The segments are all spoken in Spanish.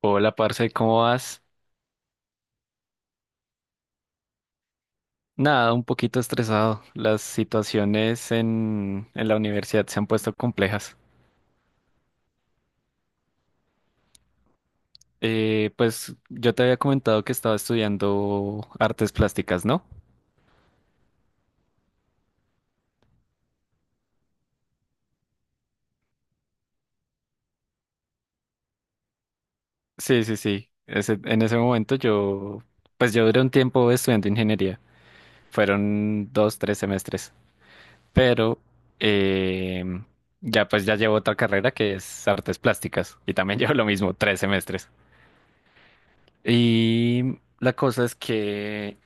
Hola, parce, ¿cómo vas? Nada, un poquito estresado. Las situaciones en la universidad se han puesto complejas. Pues yo te había comentado que estaba estudiando artes plásticas, ¿no? Sí, sí, sí. En ese momento yo, pues yo duré un tiempo estudiando ingeniería. Fueron dos, tres semestres. Pero eh, ya pues ya llevo otra carrera que es artes plásticas. Y también llevo lo mismo, tres semestres. Y la cosa es que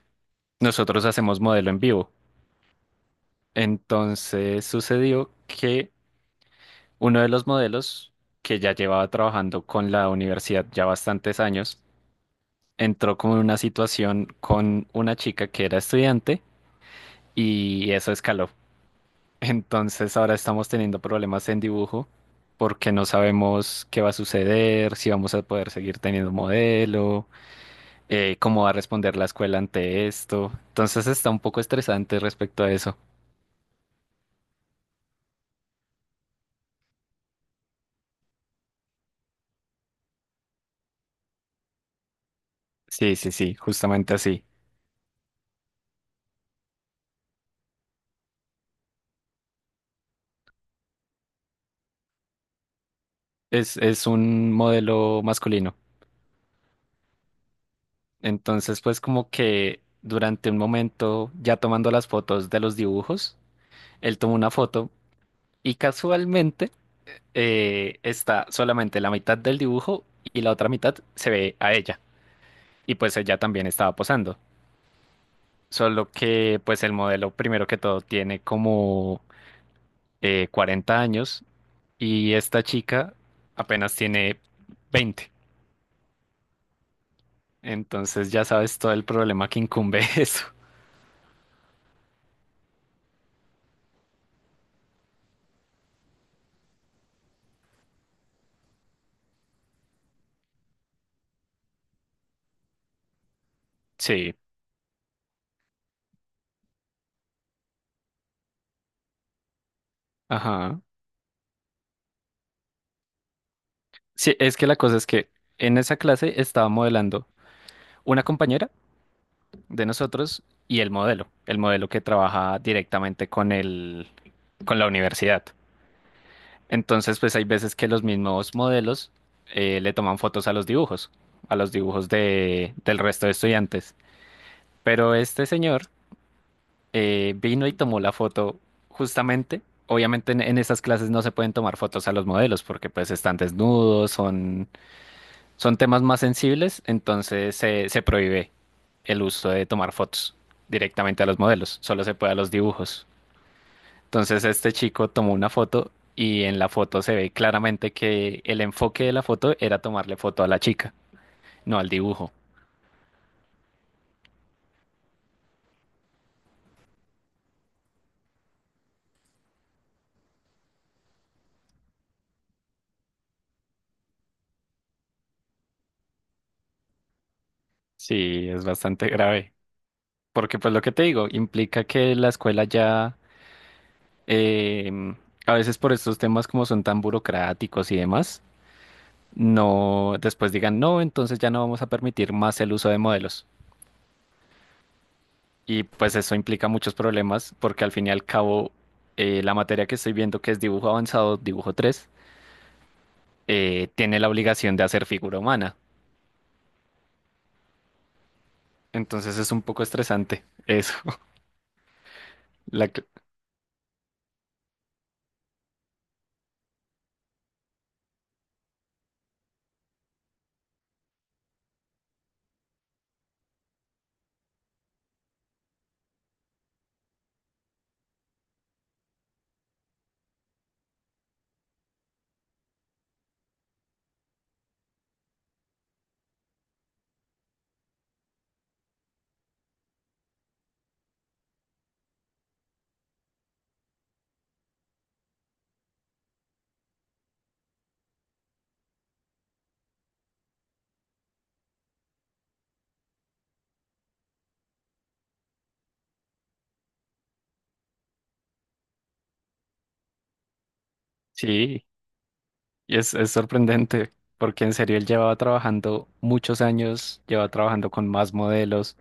nosotros hacemos modelo en vivo. Entonces sucedió que uno de los modelos que ya llevaba trabajando con la universidad ya bastantes años, entró con una situación con una chica que era estudiante y eso escaló. Entonces ahora estamos teniendo problemas en dibujo porque no sabemos qué va a suceder, si vamos a poder seguir teniendo modelo, cómo va a responder la escuela ante esto. Entonces está un poco estresante respecto a eso. Sí, sí, sí, justamente así. Es un modelo masculino. Entonces, pues como que durante un momento, ya tomando las fotos de los dibujos, él tomó una foto y casualmente está solamente la mitad del dibujo y la otra mitad se ve a ella. Y pues ella también estaba posando. Solo que pues el modelo, primero que todo, tiene como 40 años y esta chica apenas tiene 20. Entonces ya sabes todo el problema que incumbe eso. Sí, ajá. Sí, es que la cosa es que en esa clase estaba modelando una compañera de nosotros y el modelo que trabaja directamente con el, con la universidad. Entonces, pues hay veces que los mismos modelos le toman fotos a los dibujos de, del resto de estudiantes. Pero este señor vino y tomó la foto justamente. Obviamente en esas clases no se pueden tomar fotos a los modelos porque pues están desnudos, son son temas más sensibles, entonces se prohíbe el uso de tomar fotos directamente a los modelos, solo se puede a los dibujos. Entonces este chico tomó una foto y en la foto se ve claramente que el enfoque de la foto era tomarle foto a la chica, no al dibujo. Sí, es bastante grave, porque pues lo que te digo, implica que la escuela ya, em, a veces por estos temas como son tan burocráticos y demás, no, después digan, no, entonces ya no vamos a permitir más el uso de modelos. Y pues eso implica muchos problemas porque al fin y al cabo la materia que estoy viendo que es dibujo avanzado, dibujo 3 tiene la obligación de hacer figura humana. Entonces es un poco estresante eso. La cl- sí, y es sorprendente porque en serio él llevaba trabajando muchos años, llevaba trabajando con más modelos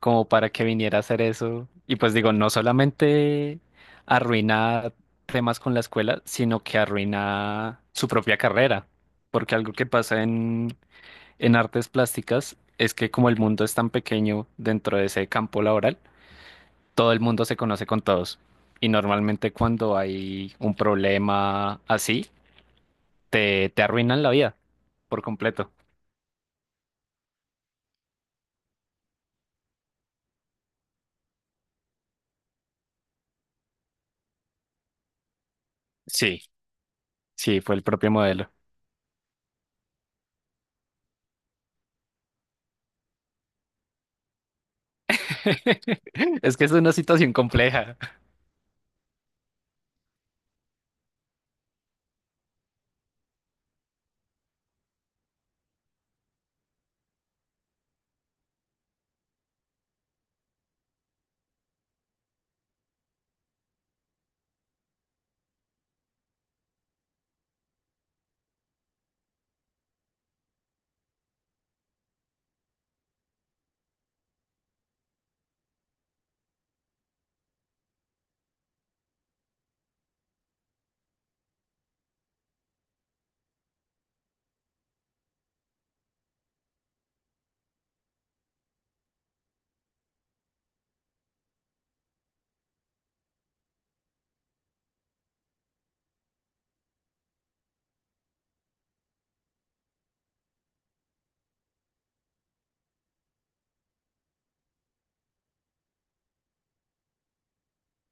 como para que viniera a hacer eso. Y pues digo, no solamente arruina temas con la escuela, sino que arruina su propia carrera. Porque algo que pasa en artes plásticas es que como el mundo es tan pequeño dentro de ese campo laboral, todo el mundo se conoce con todos. Y normalmente cuando hay un problema así, te arruinan la vida por completo. Sí, sí, fue el propio modelo. Es que es una situación compleja.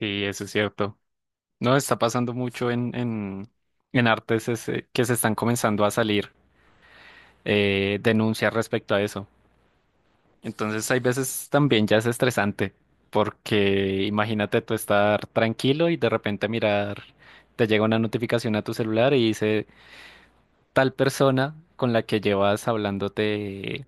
Sí, eso es cierto. No, está pasando mucho en artes que se están comenzando a salir denuncias respecto a eso. Entonces, hay veces también ya es estresante, porque imagínate tú estar tranquilo y de repente mirar, te llega una notificación a tu celular y dice tal persona con la que llevas hablándote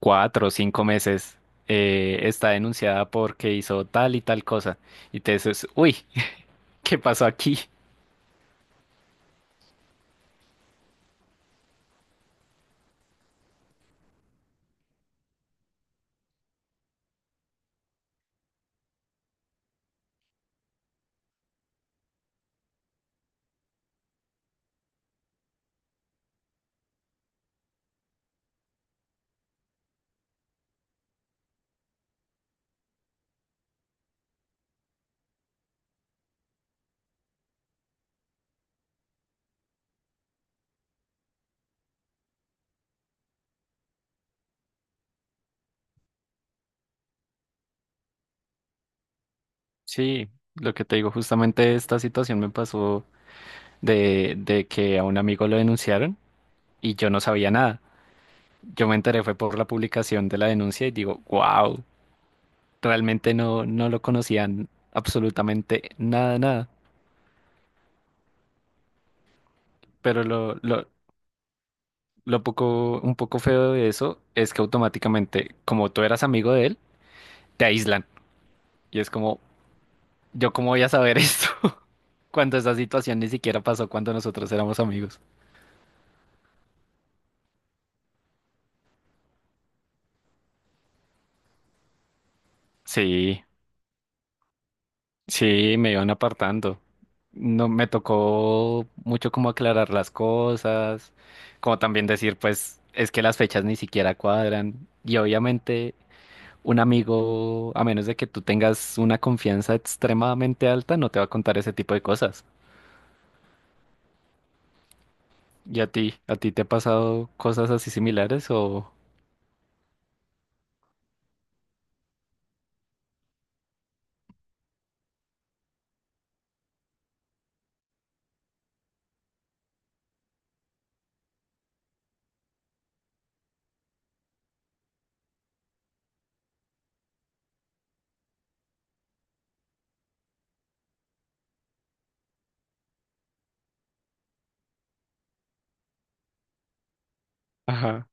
cuatro o cinco meses está denunciada porque hizo tal y tal cosa. Y te dices, uy, ¿qué pasó aquí? Sí, lo que te digo, justamente esta situación me pasó de que a un amigo lo denunciaron y yo no sabía nada. Yo me enteré fue por la publicación de la denuncia y digo, wow, realmente no, no lo conocían absolutamente nada, nada. Pero lo poco, un poco feo de eso es que automáticamente, como tú eras amigo de él, te aíslan. Y es como, ¿yo cómo voy a saber esto? Cuando esa situación ni siquiera pasó cuando nosotros éramos amigos. Sí. Sí, me iban apartando. No me tocó mucho como aclarar las cosas, como también decir, pues, es que las fechas ni siquiera cuadran. Y obviamente un amigo, a menos de que tú tengas una confianza extremadamente alta, no te va a contar ese tipo de cosas. ¿Y a ti? ¿A ti te ha pasado cosas así similares o...? Ajá,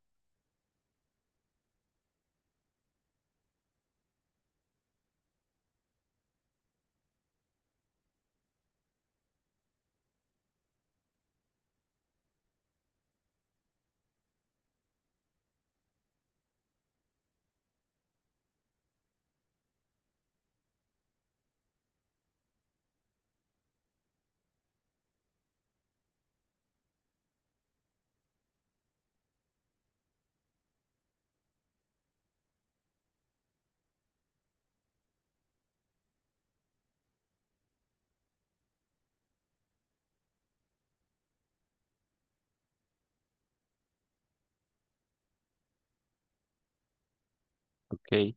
ok.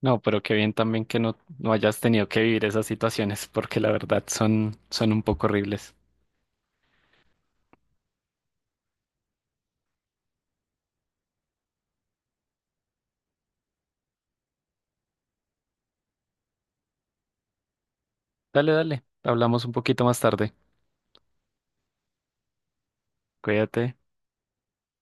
No, pero qué bien también que no, no hayas tenido que vivir esas situaciones, porque la verdad son, son un poco horribles. Dale, dale. Hablamos un poquito más tarde. Cuídate.